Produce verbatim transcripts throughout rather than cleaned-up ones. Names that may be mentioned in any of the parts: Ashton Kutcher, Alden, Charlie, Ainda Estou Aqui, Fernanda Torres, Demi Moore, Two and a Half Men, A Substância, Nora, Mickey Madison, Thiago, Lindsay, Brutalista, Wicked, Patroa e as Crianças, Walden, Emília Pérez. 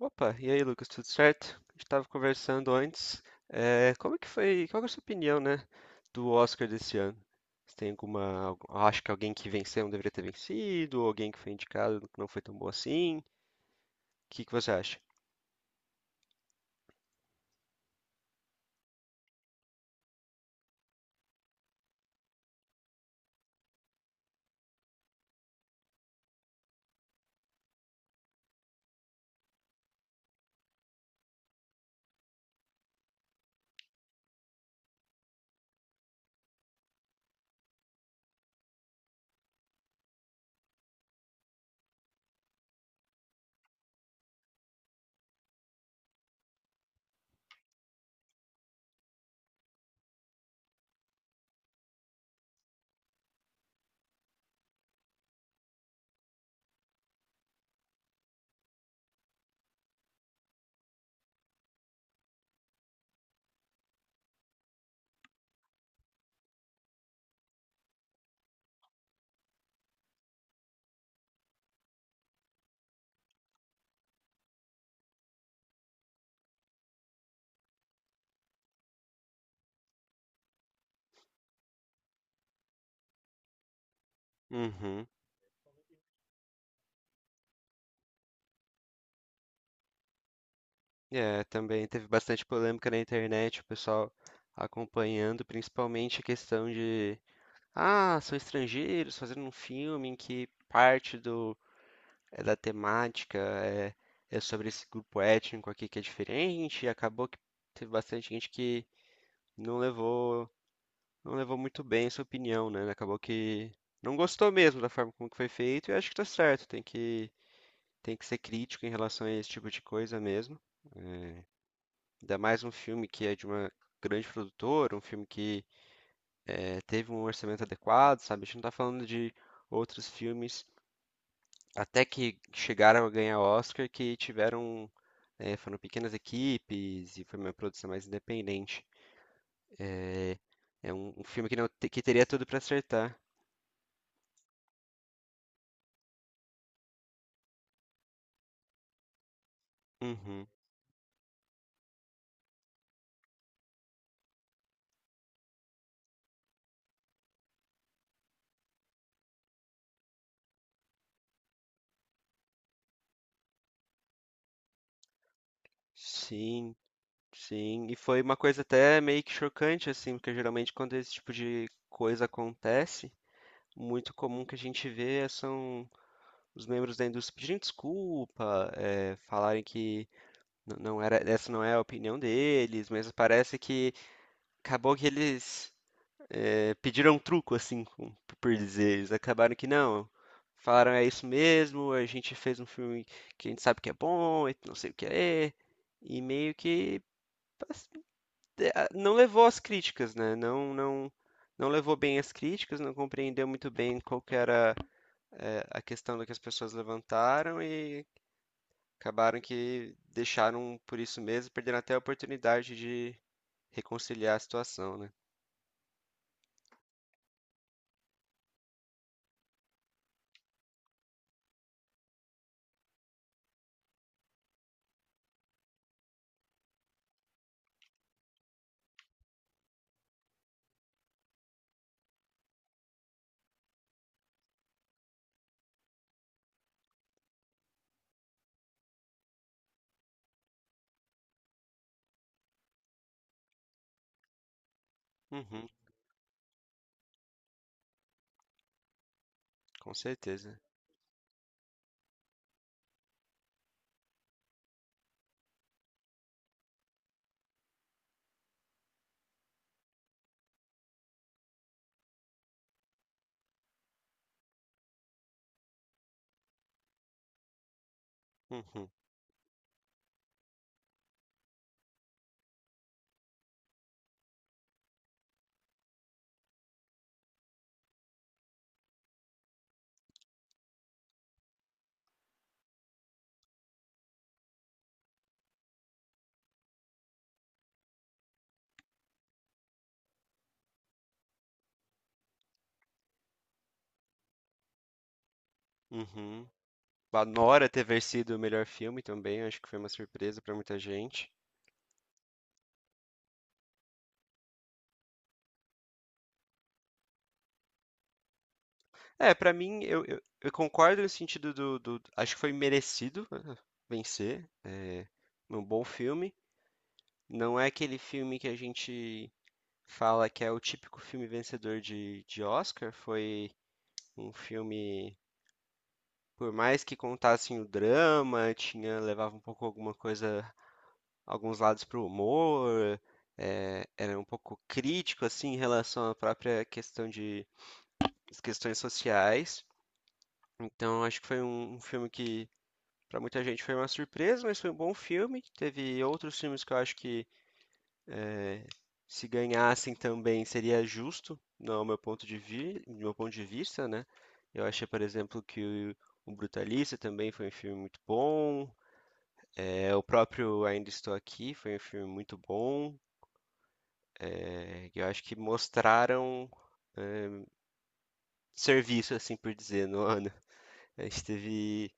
Opa, e aí, Lucas, tudo certo? A gente estava conversando antes. Eh, como que foi? Qual que é a sua opinião, né, do Oscar desse ano? Você tem alguma? algu- Acha que alguém que venceu não deveria ter vencido? Ou alguém que foi indicado que não foi tão bom assim? O que que você acha? Uhum. É, também teve bastante polêmica na internet, o pessoal acompanhando, principalmente a questão de, ah, são estrangeiros fazendo um filme em que parte é da temática, é, é sobre esse grupo étnico aqui que é diferente, e acabou que teve bastante gente que não levou, não levou muito bem essa opinião, né? Acabou que não gostou mesmo da forma como que foi feito, e eu acho que tá certo, tem que, tem que ser crítico em relação a esse tipo de coisa mesmo. Ainda mais um filme que é de uma grande produtora, um filme que eh, teve um orçamento adequado, sabe? A gente não tá falando de outros filmes até que chegaram a ganhar Oscar, que tiveram, eh, foram pequenas equipes e foi uma produção mais independente. É, é um, um filme que não te- que teria tudo pra acertar. Uhum. Sim, sim. E foi uma coisa até meio que chocante, assim, porque geralmente quando esse tipo de coisa acontece, muito comum que a gente vê é são os membros da indústria pedindo desculpa, eh, falarem que n- não era, essa não é a opinião deles, mas parece que acabou que eles eh, pediram um truco, assim, com- por dizer. Eles acabaram que não, falaram é isso mesmo, a gente fez um filme que a gente sabe que é bom, e não sei o que é, e meio que pass- eh, ah, não levou as críticas, né? Não, não, não levou bem as críticas, não compreendeu muito bem qual que era eh, a questão do que as pessoas levantaram e acabaram que deixaram por isso mesmo, perdendo até a oportunidade de reconciliar a situação, né? Uhum, com certeza. Uhum, uhum. A Nora ter vencido o melhor filme também, acho que foi uma surpresa pra muita gente. É, pra mim, eu, eu, eu concordo no sentido do, do- acho que foi merecido eh, vencer. É um bom filme. Não é aquele filme que a gente fala que é o típico filme vencedor de, de Oscar. Foi um filme, por mais que contassem o drama, tinha, levava um pouco alguma coisa, alguns lados pro humor. Eh, era um pouco crítico, assim, em relação à própria questão de as questões sociais. Então, acho que foi um, um filme que, para muita gente, foi uma surpresa, mas foi um bom filme. Teve outros filmes que eu acho que, se ganhassem também, seria justo, no meu ponto de, vi no meu ponto de vista, né? Eu achei, por exemplo, que o, o Brutalista também foi um filme muito bom. É, o próprio Ainda Estou Aqui foi um filme muito bom. É, eu acho que mostraram serviço, assim por dizer, no ano. A gente teve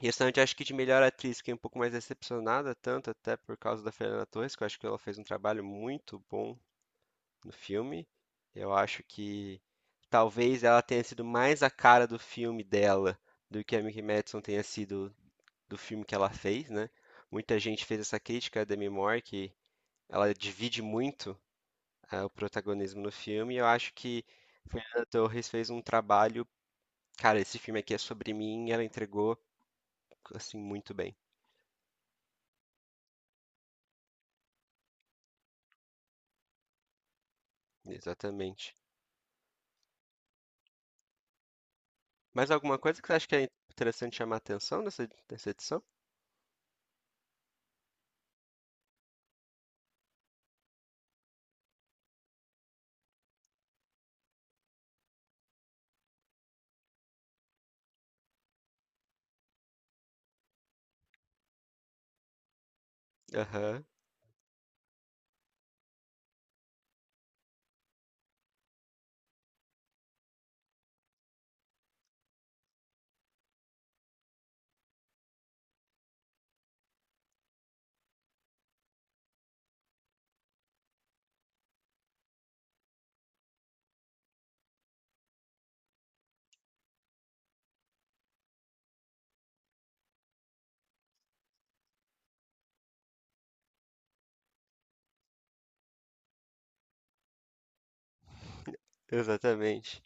restante, acho que de melhor atriz, fiquei um pouco mais decepcionada, tanto até por causa da Fernanda Torres, que eu acho que ela fez um trabalho muito bom no filme. Eu acho que talvez ela tenha sido mais a cara do filme dela do que a Mickey Madison tenha sido do filme que ela fez, né? Muita gente fez essa crítica a Demi Moore, que ela divide muito ah, o protagonismo no filme, e eu acho que Fernanda Torres fez um trabalho. Cara, esse filme aqui é sobre mim, e ela entregou assim muito bem. Exatamente. Mais alguma coisa que você acha que é interessante chamar a atenção nessa, nessa edição? Aham, exatamente.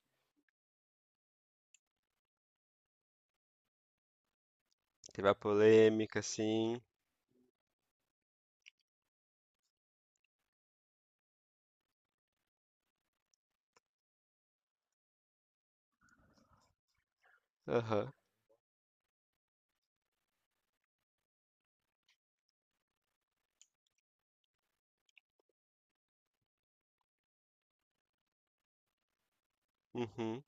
Teve a polêmica, sim. Aham, uhum.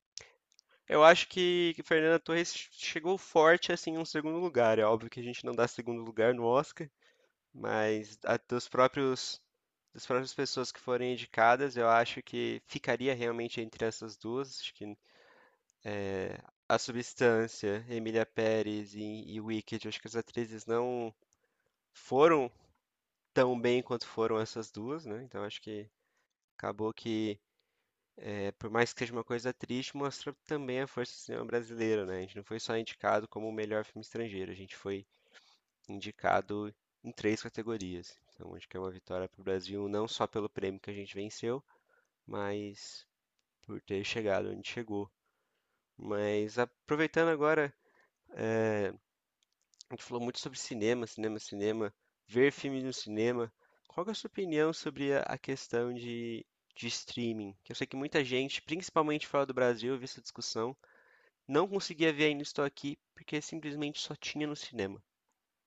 Eu acho que, que Fernanda Torres chegou forte, assim, em um segundo lugar. É óbvio que a gente não dá segundo lugar no Oscar, mas a- dos próprios, das próprias pessoas que forem indicadas, eu acho que ficaria realmente entre essas duas. Acho que A Substância, Emília Pérez e, e Wicked, eu acho que as atrizes não foram tão bem quanto foram essas duas, né? Então acho que acabou que, é, por mais que seja uma coisa triste, mostra também a força do cinema brasileiro, né? A gente não foi só indicado como o melhor filme estrangeiro, a gente foi indicado em três categorias. Então acho que é uma vitória para o Brasil, não só pelo prêmio que a gente venceu, mas por ter chegado onde chegou. Mas aproveitando agora, a gente falou muito sobre cinema, cinema, cinema, ver filme no cinema. Qual que é a sua opinião sobre a a questão de, de streaming? Que eu sei que muita gente, principalmente fora do Brasil, eu vi essa discussão, não conseguia ver Ainda Estou Aqui porque simplesmente só tinha no cinema.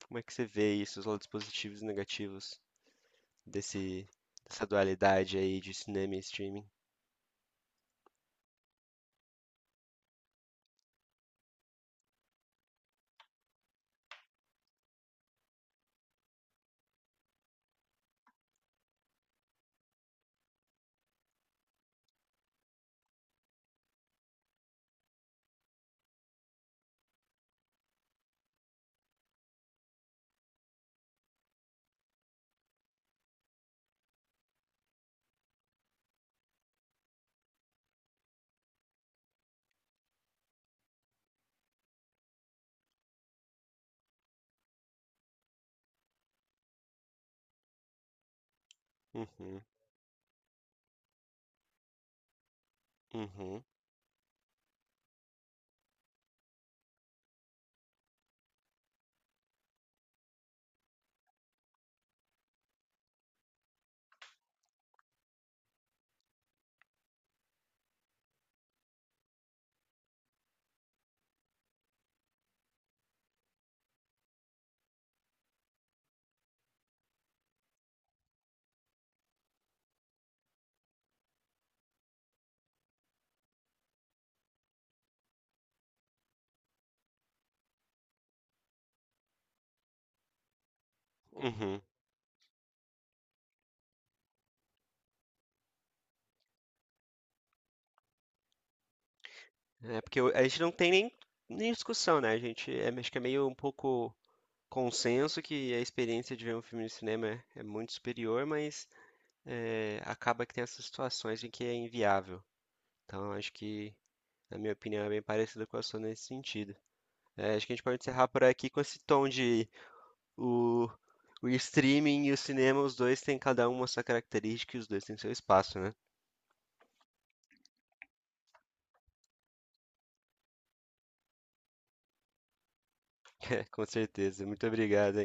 Como é que você vê isso, os lados positivos e negativos desse, dessa dualidade aí de cinema e streaming? Uhum, uhum, uhum. É porque eu- a gente não tem nem, nem discussão, né? A gente é, acho que é meio um pouco consenso que a experiência de ver um filme no cinema é, é muito superior, mas é, acaba que tem essas situações em que é inviável. Então, acho que, na minha opinião, é bem parecida com a sua nesse sentido. É, acho que a gente pode encerrar por aqui com esse tom de o, o streaming e o cinema, os dois têm cada um a sua característica e os dois têm seu espaço, né? Com certeza. Muito obrigado,